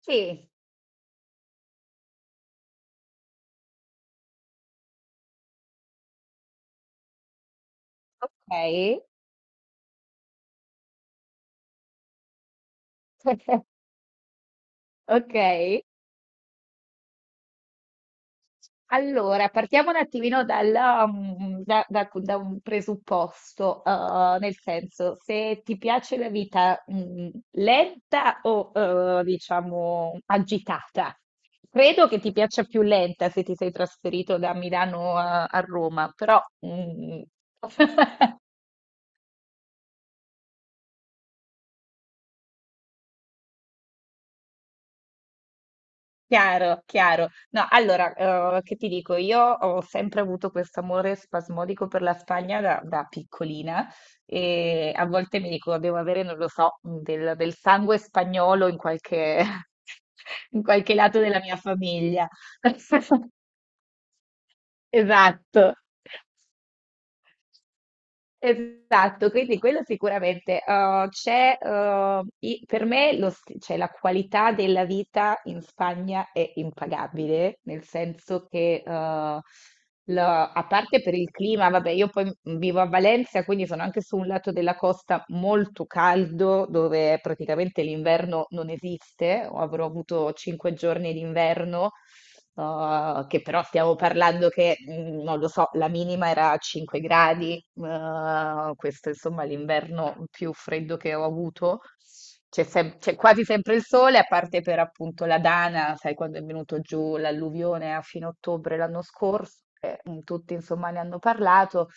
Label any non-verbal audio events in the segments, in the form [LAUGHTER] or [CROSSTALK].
Sì, okay. [LAUGHS] Okay. Allora, partiamo un attimino dalla da un presupposto. Nel senso, se ti piace la vita, mhmm, lenta o, diciamo agitata? Credo che ti piaccia più lenta se ti sei trasferito da Milano a Roma, però, mhmm [LAUGHS] Chiaro, chiaro. No, allora, che ti dico, io ho sempre avuto questo amore spasmodico per la Spagna da piccolina e a volte mi dico, devo avere, non lo so, del sangue spagnolo in qualche, [LAUGHS] in qualche lato della mia famiglia. [LAUGHS] Esatto. Esatto, quindi quello sicuramente. Per me cioè, la qualità della vita in Spagna è impagabile, nel senso che, a parte per il clima, vabbè, io poi vivo a Valencia, quindi sono anche su un lato della costa molto caldo, dove praticamente l'inverno non esiste, avrò avuto 5 giorni d'inverno. Che però stiamo parlando che, non lo so, la minima era a 5 gradi. Questo insomma è l'inverno più freddo che ho avuto. C'è quasi sempre il sole, a parte per appunto la Dana, sai, quando è venuto giù l'alluvione a fine ottobre l'anno scorso, tutti insomma ne hanno parlato.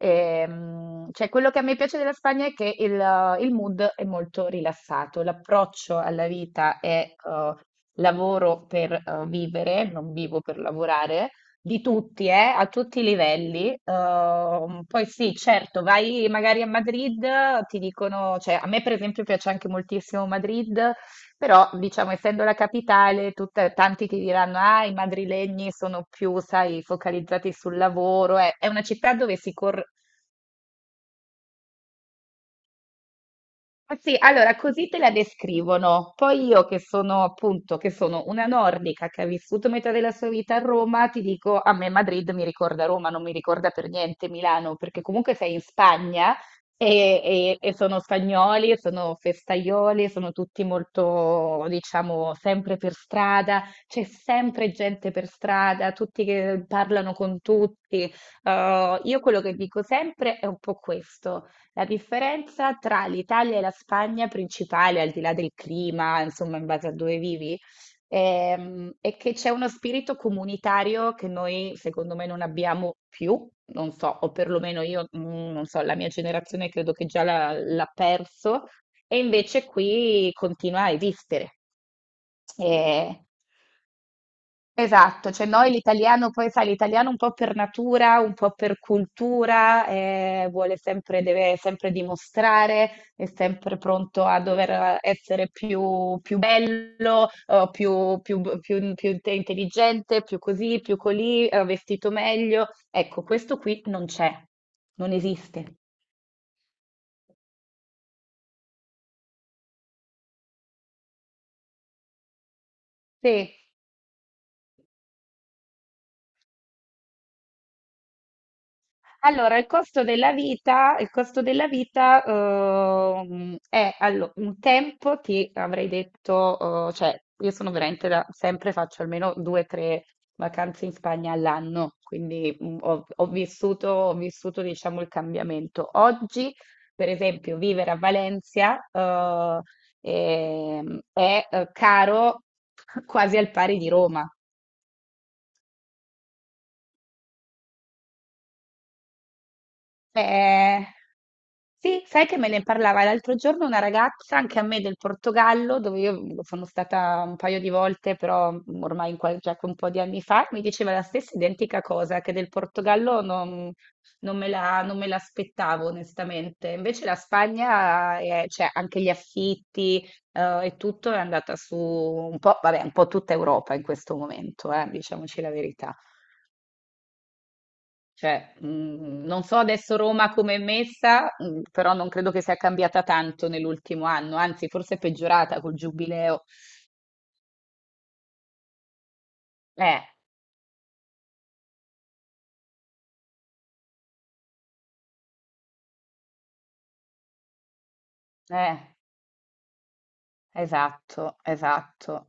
Cioè, quello che a me piace della Spagna è che il mood è molto rilassato, l'approccio alla vita è lavoro per vivere, non vivo per lavorare, di tutti, a tutti i livelli. Poi sì, certo, vai magari a Madrid, ti dicono, cioè a me per esempio piace anche moltissimo Madrid, però diciamo essendo la capitale, tanti ti diranno, ah, i madrilegni sono più, sai, focalizzati sul lavoro, è una città dove si corre. Ah, sì, allora così te la descrivono. Poi io che sono appunto, che sono una nordica che ha vissuto metà della sua vita a Roma, ti dico, a me Madrid mi ricorda Roma, non mi ricorda per niente Milano, perché comunque sei in Spagna e sono spagnoli, sono festaioli, sono tutti molto, diciamo, sempre per strada, c'è sempre gente per strada, tutti che parlano con tutti. Io quello che dico sempre è un po' questo. La differenza tra l'Italia e la Spagna principale, al di là del clima, insomma, in base a dove vivi, è che c'è uno spirito comunitario che noi, secondo me, non abbiamo più, non so, o perlomeno io, non so, la mia generazione credo che già l'ha perso, e invece qui continua a esistere. Eh, Esatto, cioè noi l'italiano, poi sai, l'italiano un po' per natura, un po' per cultura, vuole sempre, deve sempre dimostrare, è sempre pronto a dover essere più, più bello, intelligente, più così, più colì, vestito meglio. Ecco, questo qui non c'è, non esiste. Sì. Allora, il costo della vita, il costo della vita è un tempo, ti avrei detto, cioè io sono veramente da, sempre faccio almeno due o tre vacanze in Spagna all'anno, quindi ho vissuto diciamo il cambiamento. Oggi, per esempio, vivere a Valencia è caro [LAUGHS] quasi al pari di Roma. Eh, sì, sai che me ne parlava l'altro giorno una ragazza, anche a me del Portogallo, dove io sono stata un paio di volte, però ormai già un po' di anni fa, mi diceva la stessa identica cosa, che del Portogallo non, non me l'aspettavo onestamente. Invece la Spagna, cioè anche gli affitti, e tutto è andata su un po', vabbè, un po' tutta Europa in questo momento, diciamoci la verità. Cioè, non so adesso Roma come è messa, però non credo che sia cambiata tanto nell'ultimo anno, anzi forse è peggiorata col giubileo. Eh, eh, esatto, esatto.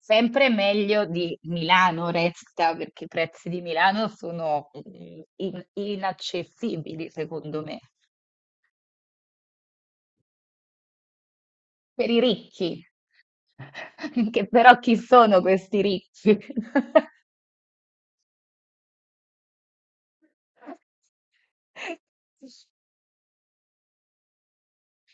Sempre meglio di Milano resta, perché i prezzi di Milano sono inaccessibili, secondo me, per i ricchi. [LAUGHS] Che però chi sono questi ricchi? [LAUGHS]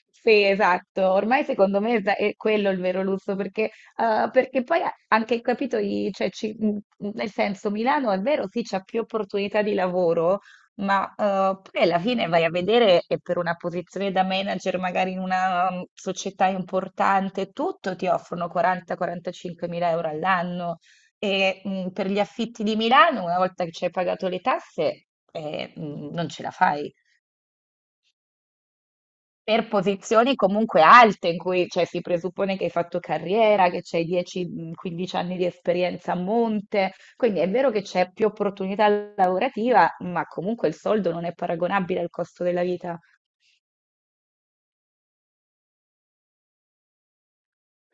Sì, esatto, ormai secondo me è quello il vero lusso, perché, perché poi anche capito, cioè, nel senso Milano è vero, sì, c'è più opportunità di lavoro, ma poi alla fine vai a vedere e per una posizione da manager magari in una società importante, tutto ti offrono 40-45 mila € all'anno e per gli affitti di Milano, una volta che ci hai pagato le tasse, non ce la fai per posizioni comunque alte in cui cioè, si presuppone che hai fatto carriera, che c'hai 10-15 anni di esperienza a monte, quindi è vero che c'è più opportunità lavorativa, ma comunque il soldo non è paragonabile al costo della vita.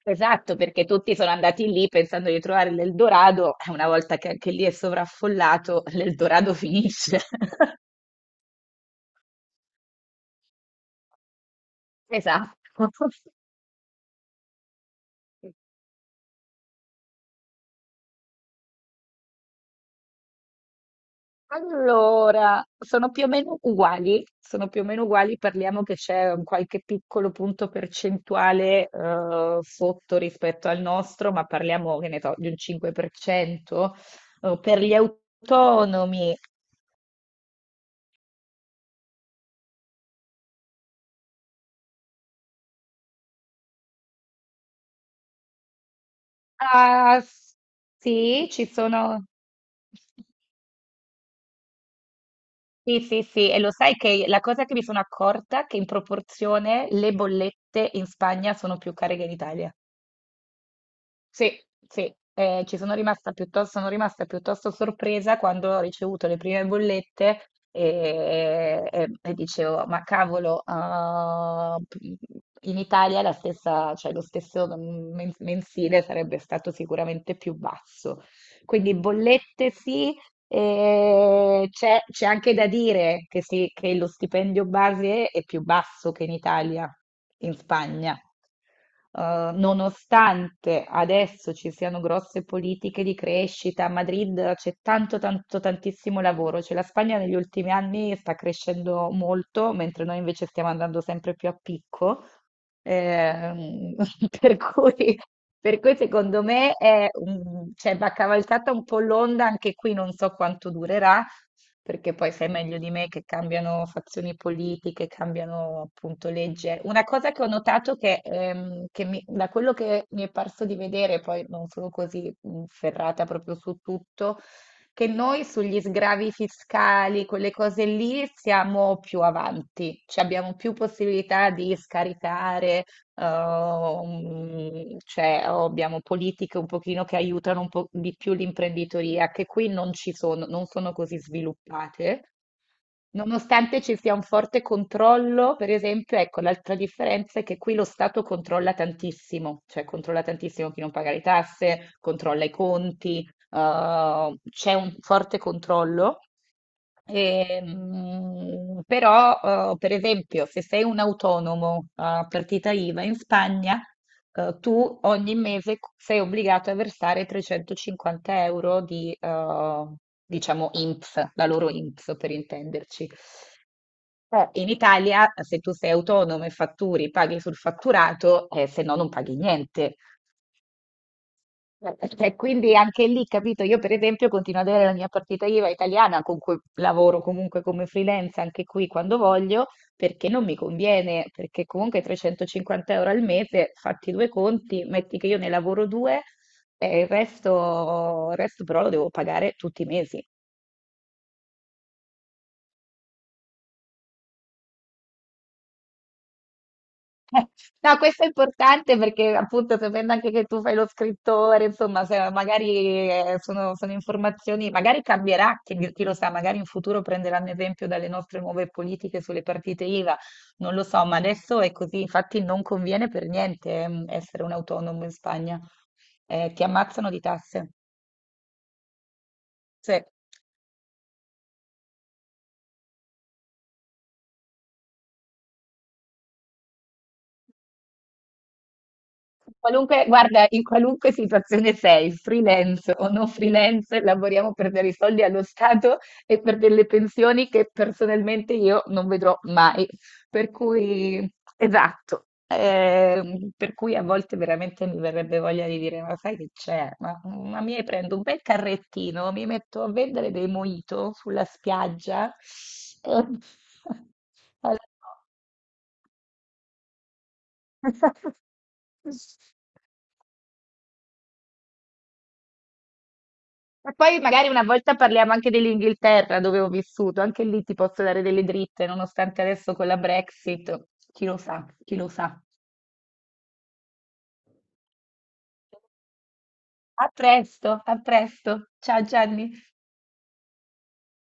Esatto, perché tutti sono andati lì pensando di trovare l'Eldorado, e una volta che anche lì è sovraffollato, l'Eldorado finisce. [LAUGHS] Esatto. Allora, sono più o meno uguali, sono più o meno uguali, parliamo che c'è un qualche piccolo punto percentuale sotto rispetto al nostro, ma parliamo, che ne so, di un 5%. Per gli autonomi, ah, s- sì, ci sono... Sì, sì, sì, e lo sai che la cosa che mi sono accorta è che in proporzione le bollette in Spagna sono più care che in Italia. Sì, sì, ci sono rimasta piuttosto sorpresa quando ho ricevuto le prime bollette e dicevo, ma cavolo, ah, in Italia la stessa, cioè lo stesso mensile sarebbe stato sicuramente più basso. Quindi bollette sì, e c'è anche da dire che, sì, che lo stipendio base è più basso che in Italia, in Spagna. Nonostante adesso ci siano grosse politiche di crescita, a Madrid c'è tanto, tanto, tantissimo lavoro, cioè la Spagna negli ultimi anni sta crescendo molto, mentre noi invece stiamo andando sempre più a picco. Ehm, [LAUGHS] per cui, per cui secondo me è cioè, va cavalcata un po' l'onda, anche qui non so quanto durerà, perché poi sai meglio di me che cambiano fazioni politiche, cambiano appunto legge. Una cosa che ho notato che, da quello che mi è parso di vedere, poi non sono così ferrata proprio su tutto, che noi sugli sgravi fiscali, quelle cose lì, siamo più avanti, cioè abbiamo più possibilità di scaricare, cioè o abbiamo politiche un pochino che aiutano un po' di più l'imprenditoria, che qui non ci sono, non sono così sviluppate. Nonostante ci sia un forte controllo, per esempio, ecco, l'altra differenza è che qui lo Stato controlla tantissimo, cioè controlla tantissimo chi non paga le tasse, controlla i conti, c'è un forte controllo, ehm, però per esempio se sei un autonomo a partita IVA in Spagna, tu ogni mese sei obbligato a versare €350 di, diciamo, INPS, la loro INPS per intenderci. In Italia, se tu sei autonomo e fatturi, paghi sul fatturato, se no non paghi niente. E quindi anche lì, capito, io per esempio continuo ad avere la mia partita IVA italiana con cui lavoro comunque come freelance anche qui quando voglio, perché non mi conviene, perché comunque €350 al mese, fatti due conti, metti che io ne lavoro due e il resto però lo devo pagare tutti i mesi. No, questo è importante perché appunto sapendo anche che tu fai lo scrittore, insomma, se magari sono informazioni, magari cambierà, chi lo sa, magari in futuro prenderanno esempio dalle nostre nuove politiche sulle partite IVA, non lo so, ma adesso è così, infatti non conviene per niente essere un autonomo in Spagna. Ti ammazzano di tasse. Sì. Qualunque, guarda, in qualunque situazione sei, freelance o non freelance, lavoriamo per dare i soldi allo Stato e per delle pensioni che personalmente io non vedrò mai. Per cui, esatto, per cui a volte veramente mi verrebbe voglia di dire, ma sai che c'è? Ma mi prendo un bel carrettino, mi metto a vendere dei mojito sulla spiaggia. [LAUGHS] Allora, [LAUGHS] e poi magari una volta parliamo anche dell'Inghilterra, dove ho vissuto, anche lì ti posso dare delle dritte, nonostante adesso con la Brexit, chi lo sa, chi lo sa. A presto, a presto. Ciao Gianni.